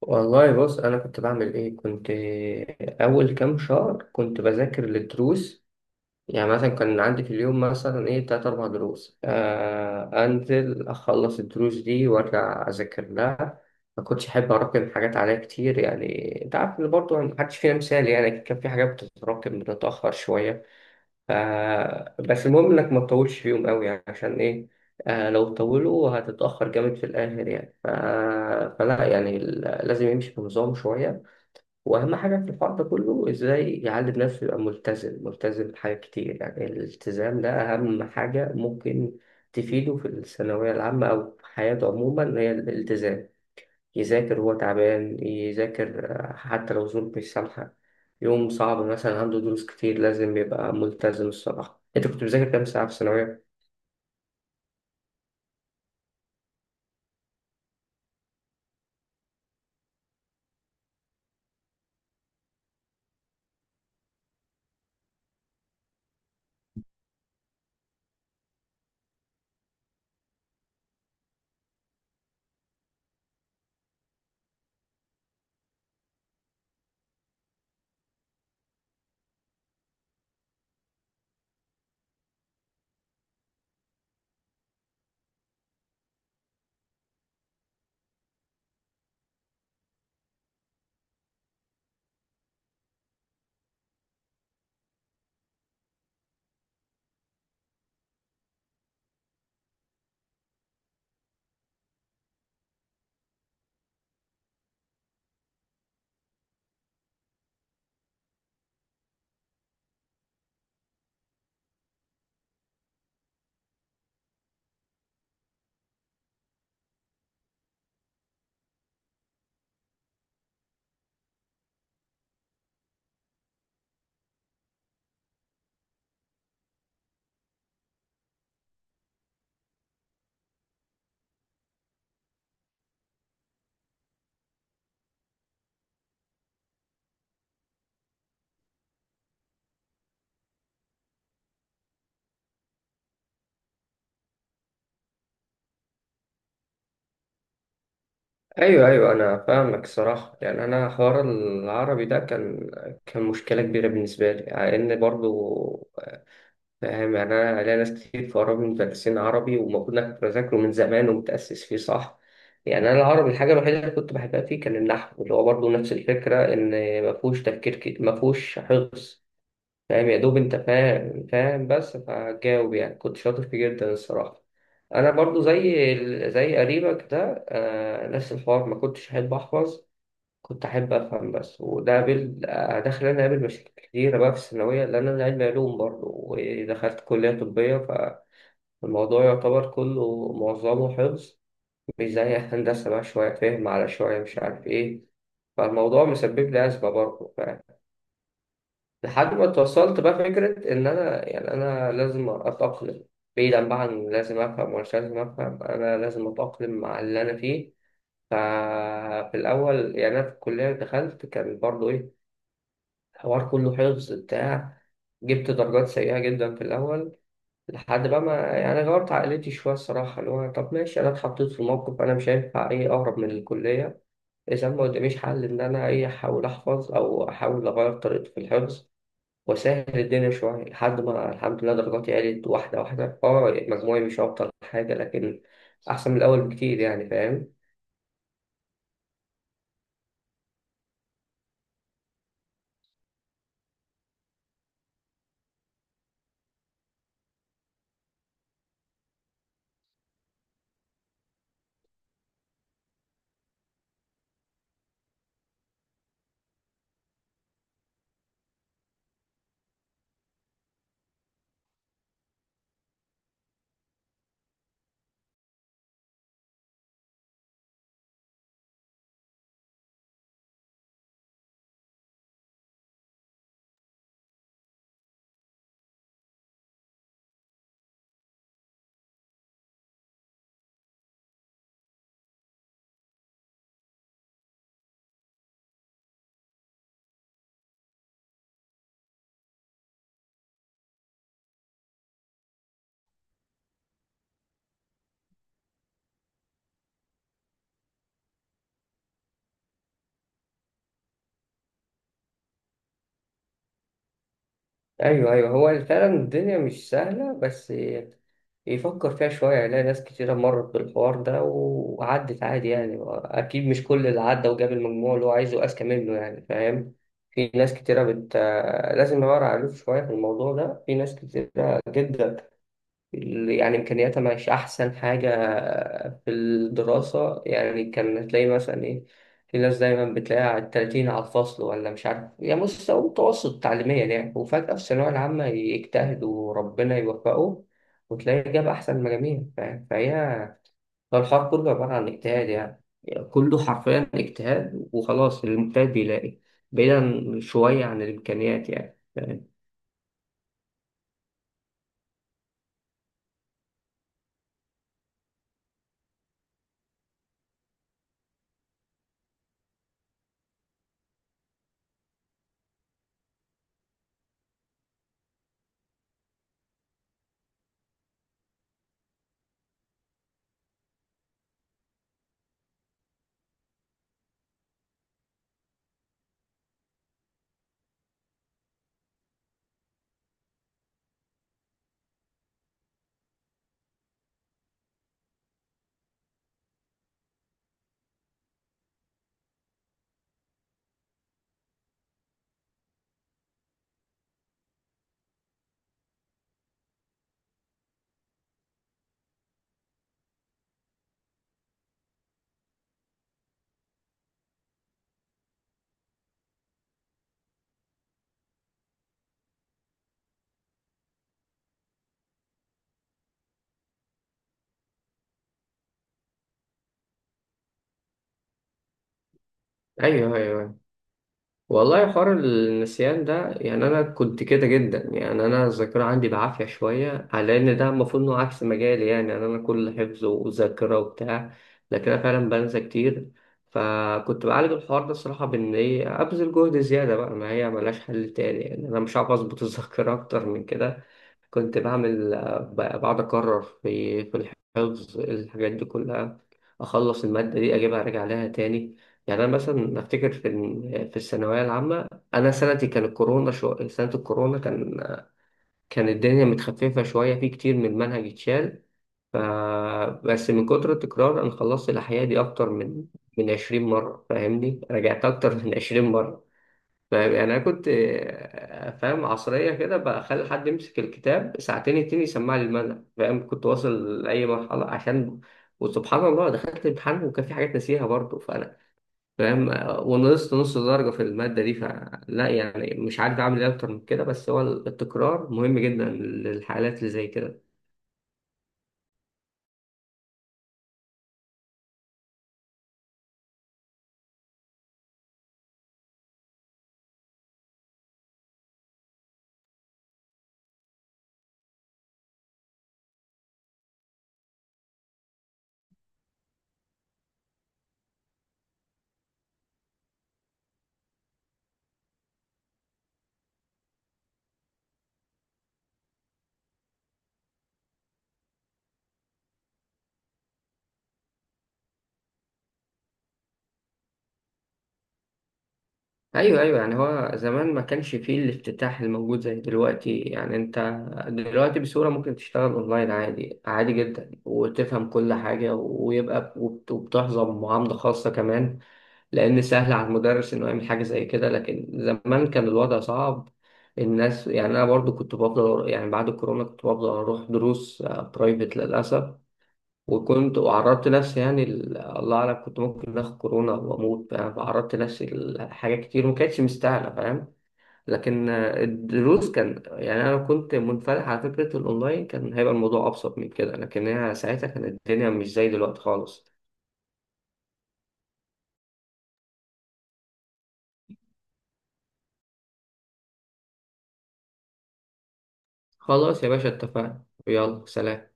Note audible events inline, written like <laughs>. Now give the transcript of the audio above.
والله بص، انا كنت بعمل ايه؟ كنت اول كام شهر كنت بذاكر للدروس. يعني مثلا كان عندي في اليوم مثلا ايه تلات اربع دروس، آه انزل اخلص الدروس دي وارجع اذاكر لها. ما كنتش احب اراكم حاجات عليا كتير يعني. انت عارف ان برضه محدش فينا مثالي، يعني كان في حاجات بتتراكم بتتاخر شويه. ف- بس المهم انك ما تطولش فيهم قوي، يعني عشان ايه؟ آه لو طولوا هتتأخر جامد في الآخر يعني فلا يعني لازم يمشي بنظام شوية. وأهم حاجة في الحوار ده كله إزاي يعلم نفسه يبقى ملتزم، ملتزم بحاجات كتير. يعني الالتزام ده أهم حاجة ممكن تفيده في الثانوية العامة أو في حياته عموما، هي الالتزام. يذاكر وهو تعبان، يذاكر آه، حتى لو ظروف مش سامحة. يوم صعب مثلا، عنده دروس كتير، لازم يبقى ملتزم. الصراحة أنت كنت بتذاكر كام ساعة في الثانوية؟ أيوه أيوه أنا فاهمك. الصراحة يعني أنا حوار العربي ده كان كان مشكلة كبيرة بالنسبة لي، لأن برضو فاهم يعني أنا ليا ناس كتير في قرايبي مدرسين عربي، ومفروض إن أنا كنت بذاكره من زمان ومتأسس فيه صح. يعني أنا العربي الحاجة الوحيدة اللي كنت بحبها فيه كان النحو، اللي هو برضو نفس الفكرة، إن مفهوش تفكير كتير، مفهوش حفظ. فاهم يا دوب، انت فاهم فاهم بس فجاوب. يعني كنت شاطر فيه جدا الصراحة. انا برضو زي زي قريبك ده، آه نفس الحوار، ما كنتش احب احفظ. كنت احب افهم بس، وده قابل آه، ده خلاني اقابل مشاكل كتيرة بقى في الثانوية، لان انا علمي علوم برضو ودخلت كلية طبية. فالموضوع يعتبر كله معظمه حفظ، مش زي هندسة بقى شوية فهم على شوية مش عارف ايه. فالموضوع مسبب لي أزمة برضه. لحد ما توصلت بقى فكرة إن أنا يعني أنا لازم أتأقلم. بعيدا بقى عن لازم أفهم ومش لازم أفهم، أنا لازم أتأقلم مع اللي أنا فيه. ففي الأول يعني أنا في الكلية دخلت كان برضو إيه، الحوار كله حفظ بتاع. جبت درجات سيئة جدا في الأول، لحد بقى ما يعني غيرت عقليتي شوية. الصراحة اللي هو طب ماشي، أنا اتحطيت في موقف، أنا مش هينفع إيه أهرب من الكلية. إذا ما قداميش حل إن أنا إيه أحاول أحفظ أو أحاول أغير طريقتي في الحفظ، وسهل الدنيا شوية. لحد ما الحمد لله درجاتي عالت واحدة واحدة، اه مجموعي مش أبطل حاجة، لكن أحسن من الأول بكتير يعني، فاهم. أيوه أيوه، هو فعلا الدنيا مش سهلة، بس يفكر فيها شوية يلاقي ناس كتيرة مرت بالحوار ده وعدت عادي. يعني أكيد مش كل اللي عدى وجاب المجموع اللي هو عايزه أذكى منه، يعني فاهم. في ناس كتيرة بت... لازم نورع عليه شوية في الموضوع ده. في ناس كتيرة جدا يعني إمكانياتها مش أحسن حاجة في الدراسة، يعني كان تلاقي مثلا إيه، في ناس دايما بتلاقيها على التلاتين على الفصل ولا مش عارف، يعني مستوى متوسط تعليميا يعني، وفجأة في الثانوية العامة يجتهد وربنا يوفقه وتلاقيه جاب أحسن المجاميع. فهي فالحوار كله عبارة عن اجتهاد يعني، كله حرفيا اجتهاد وخلاص، المجتهد بيلاقي، بعيدا شوية عن الإمكانيات يعني. أيوه أيوه، والله حوار النسيان ده، يعني انا كنت كده جدا. يعني انا الذاكره عندي بعافيه شويه، على ان ده المفروض انه عكس مجالي يعني، يعني انا كل حفظ وذاكره وبتاع، لكن انا فعلا بنسى كتير. فكنت بعالج الحوار ده الصراحه بان ايه، ابذل جهد زياده بقى، ما هي ملهاش حل تاني يعني، انا مش عارف اظبط <laughs> الذاكره اكتر من كده. كنت بعمل آه، بقعد اكرر في في الحفظ، الحاجات دي كلها، اخلص الماده دي اجيبها ارجع لها تاني. يعني انا مثلا افتكر في في الثانويه العامه، انا سنتي كان الكورونا، سنه الكورونا كان، كان الدنيا متخففه شويه، في كتير من المنهج اتشال. ف... بس من كتر التكرار انا خلصت الاحياء دي اكتر من من 20 مره، فاهمني، رجعت اكتر من 20 مره. فاهم يعني انا كنت آه، فاهم عصريه كده، بخلي حد يمسك الكتاب ساعتين اتنين يسمع لي المنهج، فاهم، كنت واصل لاي مرحله عشان. وسبحان الله دخلت الامتحان وكان في حاجات ناسيها برضه، فاهم. ونقصت نص درجة في المادة دي، فلا يعني مش عارف أعمل إيه أكتر من كده، بس هو التكرار مهم جدا للحالات اللي زي كده. أيوه أيوه، يعني هو زمان ما كانش فيه الافتتاح الموجود زي دلوقتي. يعني أنت دلوقتي بسهولة ممكن تشتغل أونلاين عادي، عادي جدا، وتفهم كل حاجة، ويبقى وبتحظى بمعاملة خاصة كمان، لأن سهل على المدرس إنه يعمل حاجة زي كده، لكن زمان كان الوضع صعب. الناس يعني أنا برضو كنت بفضل، يعني بعد الكورونا كنت بفضل أروح دروس برايفت للأسف. وكنت وعرضت نفسي يعني الله أعلم كنت ممكن آخد كورونا وأموت يعني، فعرضت نفسي لحاجات كتير وما كانتش مستاهلة، فاهم. لكن آه، الدروس كان يعني أنا كنت منفتح على فكرة الأونلاين، كان هيبقى الموضوع أبسط من كده، لكن هي ساعتها كانت الدنيا مش زي دلوقتي خالص. خلاص يا باشا، اتفقنا، يلا سلام.